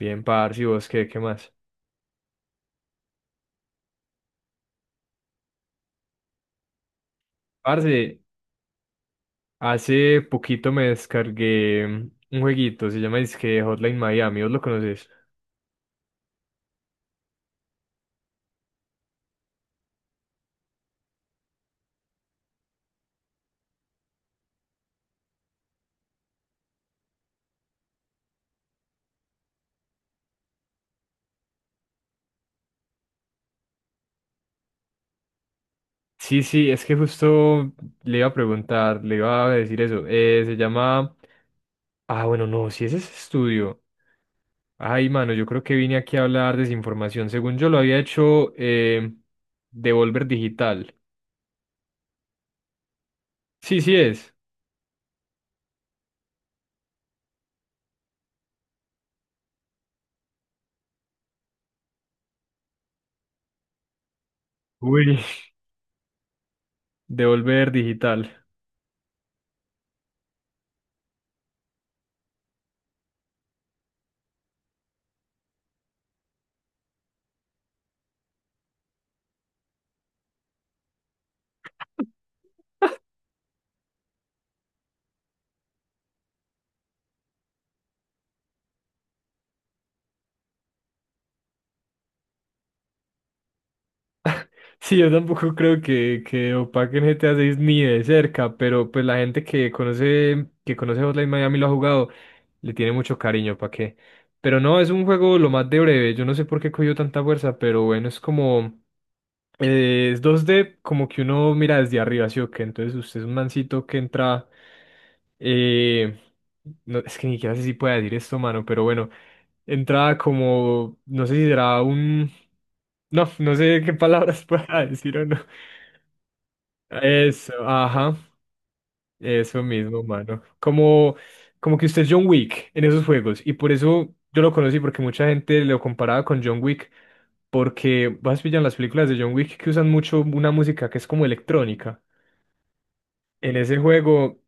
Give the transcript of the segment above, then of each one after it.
Bien, parce, ¿y vos qué más? Parce, hace poquito me descargué un jueguito, se llama dizque Hotline Miami, ¿vos lo conoces? Sí, sí, es que justo le iba a preguntar, le iba a decir eso. Se llama... Ah, bueno, no, si ese es estudio. Ay, mano, yo creo que vine aquí a hablar desinformación. Según yo lo había hecho, Devolver Digital. Sí, sí es. Uy. Devolver Digital. Sí, yo tampoco creo que opaquen GTA 6 ni de cerca, pero pues la gente que conoce Hotline Miami y lo ha jugado, le tiene mucho cariño, ¿para qué? Pero no, es un juego lo más de breve, yo no sé por qué cogió tanta fuerza, pero bueno, es como, es 2D como que uno mira desde arriba, ¿sí o qué? Entonces usted es un mancito que entra. eh, no, es que ni siquiera sé si pueda decir esto, mano, pero bueno. Entra como. No sé si será un. No, no sé qué palabras pueda decir o no. Eso, ajá. Eso mismo, mano. Como que usted es John Wick en esos juegos. Y por eso yo lo conocí, porque mucha gente lo comparaba con John Wick. Porque vas pillan las películas de John Wick que usan mucho una música que es como electrónica. En ese juego,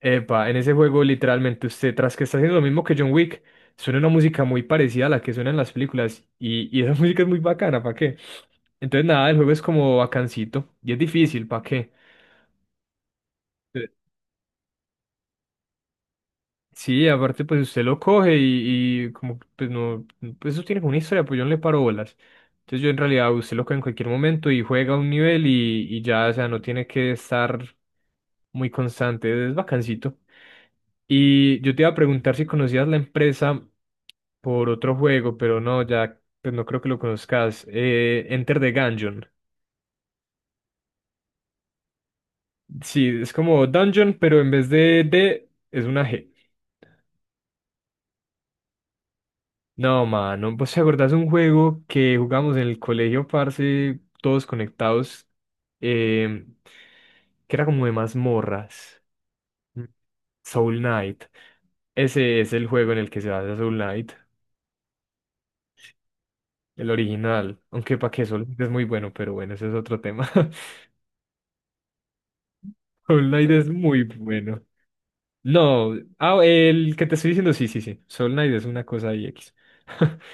en ese juego literalmente usted, tras que está haciendo lo mismo que John Wick, suena una música muy parecida a la que suena en las películas. Y esa música es muy bacana, ¿para qué? Entonces nada, el juego es como bacancito. Y es difícil, ¿para qué? Sí, aparte pues usted lo coge y como que, pues no, pues eso tiene como una historia, pues yo no le paro bolas. Entonces yo en realidad usted lo coge en cualquier momento y juega un nivel y ya, o sea, no tiene que estar muy constante, es bacancito. Y yo te iba a preguntar si conocías la empresa por otro juego, pero no, ya, pues no creo que lo conozcas. Enter the Gungeon. Sí, es como Dungeon, pero en vez de D es una G. No, mano, ¿vos te acordás de un juego que jugamos en el colegio, parce, todos conectados, eh, que era como de mazmorras? Mm. Soul Knight. Ese es el juego en el que se basa Soul Knight, el original. Aunque para que Soul Knight es muy bueno, pero bueno, ese es otro tema. Soul Knight es muy bueno. No, el que te estoy diciendo, sí, sí, sí. Soul Knight es una cosa ahí X.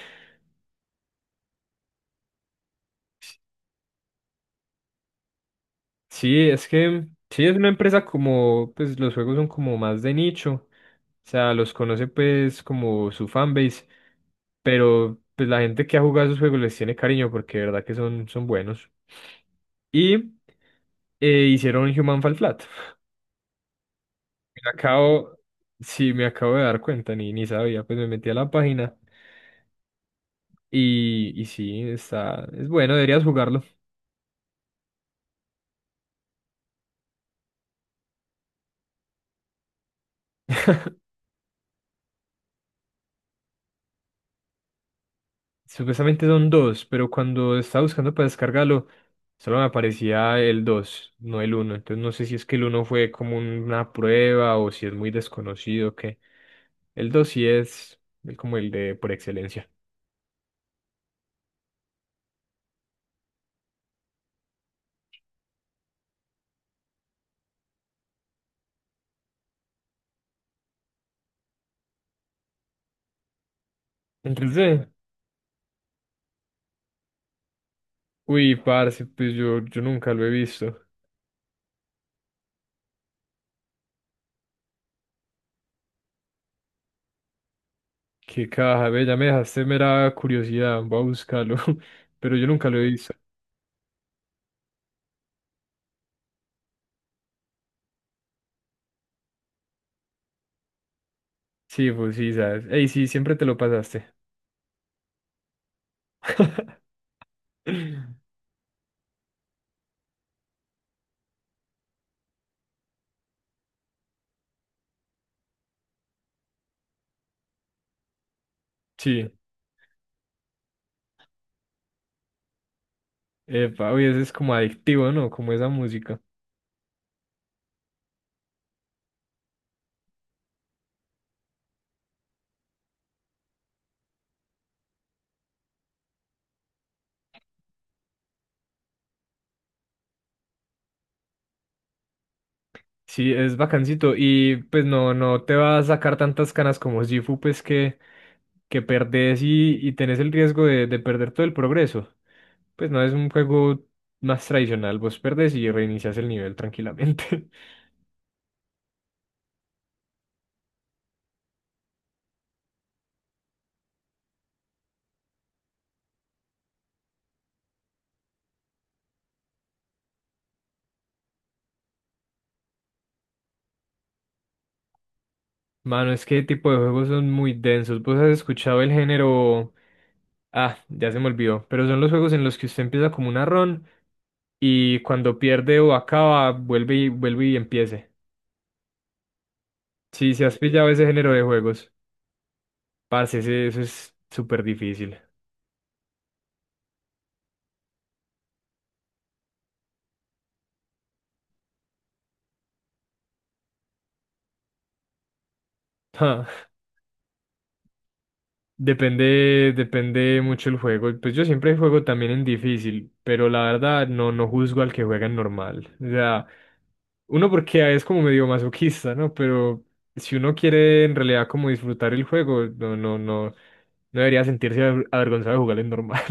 Sí, es que sí es una empresa como, pues los juegos son como más de nicho, o sea, los conoce pues como su fanbase, pero pues la gente que ha jugado esos juegos les tiene cariño porque de verdad que son, son buenos. Y hicieron Human Fall Flat. Me acabo, sí, me acabo de dar cuenta, ni sabía, pues me metí a la página y sí, es bueno, deberías jugarlo. Supuestamente son dos, pero cuando estaba buscando para descargarlo, solo me aparecía el 2 no el uno. Entonces no sé si es que el uno fue como una prueba o si es muy desconocido o qué. El 2 sí es el- como el de por excelencia. Entonces, uy, parce, pues yo nunca lo he visto. Qué caja, ve, ya me dejaste mera curiosidad, voy a buscarlo. Pero yo nunca lo he visto. Sí, pues sí, sabes. Ey, sí, siempre te lo pasaste. Sí, epa, oye, eso es como adictivo, ¿no? Como esa música. Sí, es bacancito. Y pues no, no te va a sacar tantas canas como Sifu, pues que perdés, y tenés el riesgo de perder todo el progreso. Pues no es un juego más tradicional, vos perdés y reinicias el nivel tranquilamente. Mano, es que tipo de juegos son muy densos. Vos has escuchado el género. Ah, ya se me olvidó. Pero son los juegos en los que usted empieza como una run y cuando pierde o acaba, vuelve y vuelve y empiece. Sí, si has pillado ese género de juegos. Parce, ese- eso es súper difícil. Ja, Depende mucho el juego. Pues yo siempre juego también en difícil, pero la verdad no, no juzgo al que juega en normal. O sea, uno porque es como medio masoquista, ¿no? Pero si uno quiere en realidad como disfrutar el juego, no, no, no, no debería sentirse avergonzado de jugar en normal.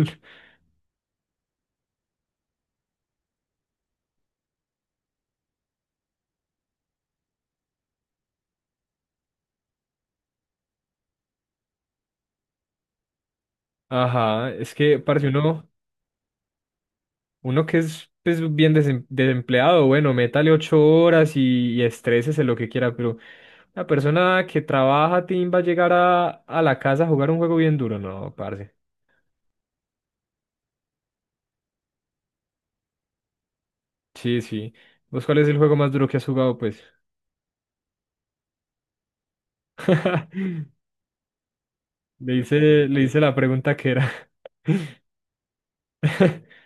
Ajá, es que parce, uno que es pues, bien desempleado, bueno, métale 8 horas y estrésese lo que quiera, pero la persona que trabaja, Tim, va a llegar a la casa a jugar un juego bien duro. No, parce. Sí, sí. ¿Vos cuál es el juego más duro que has jugado, pues? Le hice, le hice la pregunta que era.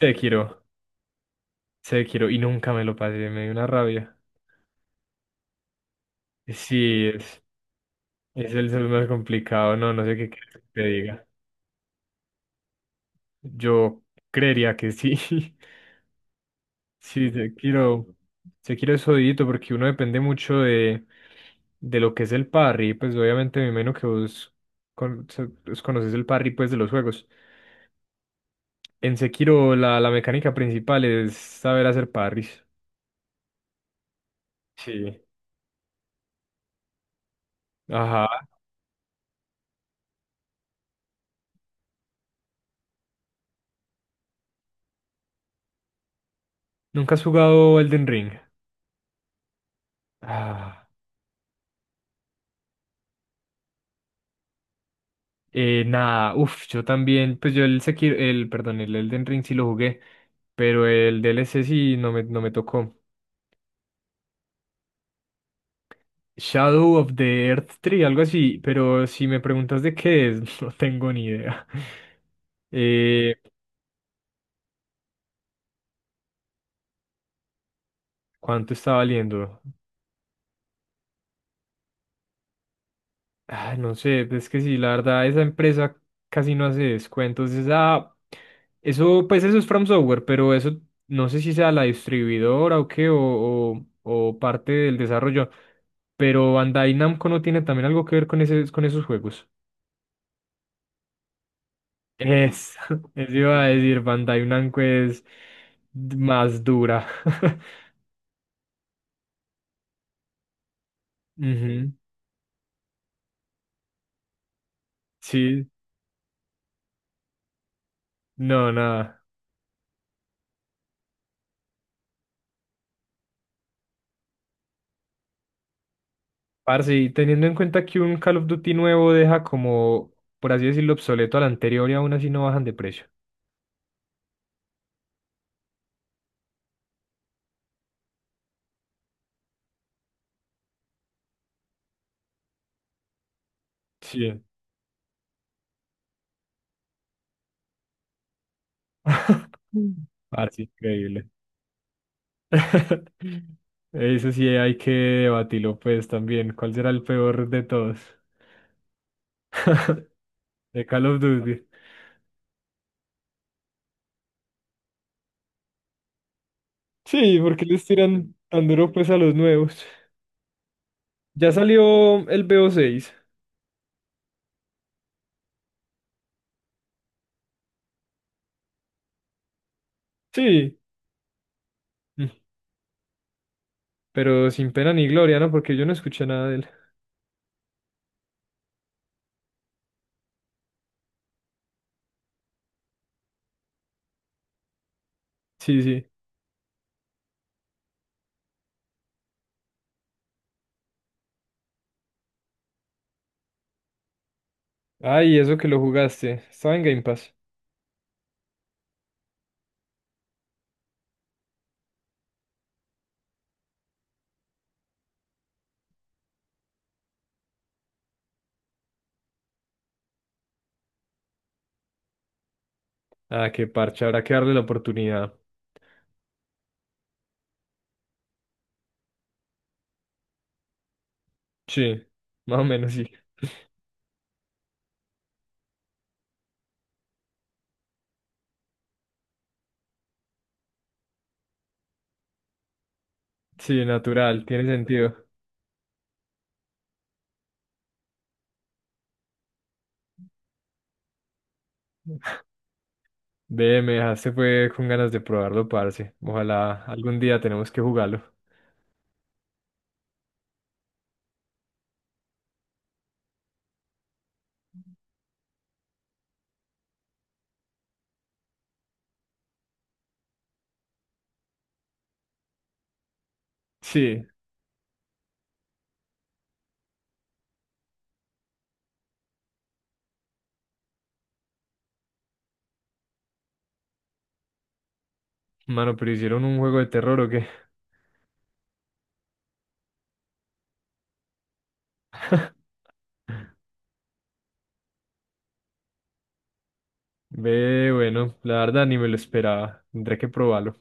Sekiro. Sekiro. Y nunca me lo pasé. Me dio una rabia. Sí, es el ser más complicado. No, no sé qué quieres que te diga. Yo creería que sí. Sí, Sekiro es jodidito porque uno depende mucho de lo que es el parry, pues obviamente me imagino que vos pues, conoces el parry pues de los juegos. En Sekiro la mecánica principal es saber hacer parries. Sí. Ajá. ¿Nunca has jugado Elden Ring? Ah, nada, uff, yo también, pues yo, el Sekiro, el, perdón, el Elden Ring sí lo jugué, pero el DLC sí no me tocó. Shadow of the Earth Tree, algo así, pero si me preguntas de qué es, no tengo ni idea. Eh, ¿Cuánto está valiendo? Ah, no sé, es que sí, la verdad, esa empresa casi no hace descuentos. Eso, pues eso es From Software, pero eso no sé si sea la distribuidora o qué, o parte del desarrollo. Pero Bandai Namco no tiene también algo que ver con esos juegos. Es, eso iba a decir, Pantay Blanco es más dura. Ujú, sí, no, nada. Parce, y teniendo en cuenta que un Call of Duty nuevo deja como, por así decirlo, obsoleto al anterior y aún así no bajan de precio. Sí. Mm. Parce, increíble. Eso sí hay que debatirlo, pues, también. ¿Cuál será el peor de todos? De Call of Duty. Sí, porque les tiran tan duro, pues, a los nuevos? Ya salió el BO6. Sí. Mm, Pero sin pena ni gloria, ¿no? Porque yo no escuché nada de él. Sí, sí. Ay, eso que lo jugaste. Estaba en Game Pass. Ah, qué parche. Habrá que darle la oportunidad. Sí. Más o menos sí. Sí, natural. Tiene sentido. Ve, me dejaste fue con ganas de probarlo, parce. Ojalá algún día tenemos que jugarlo. Sí. Mano, ¿pero hicieron un juego de terror o qué? Ve, bueno, la verdad ni me lo esperaba. Tendré que probarlo.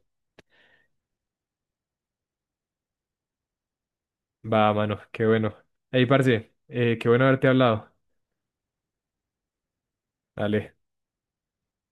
Va, mano, qué bueno. Ey, parce, qué bueno haberte hablado. Dale.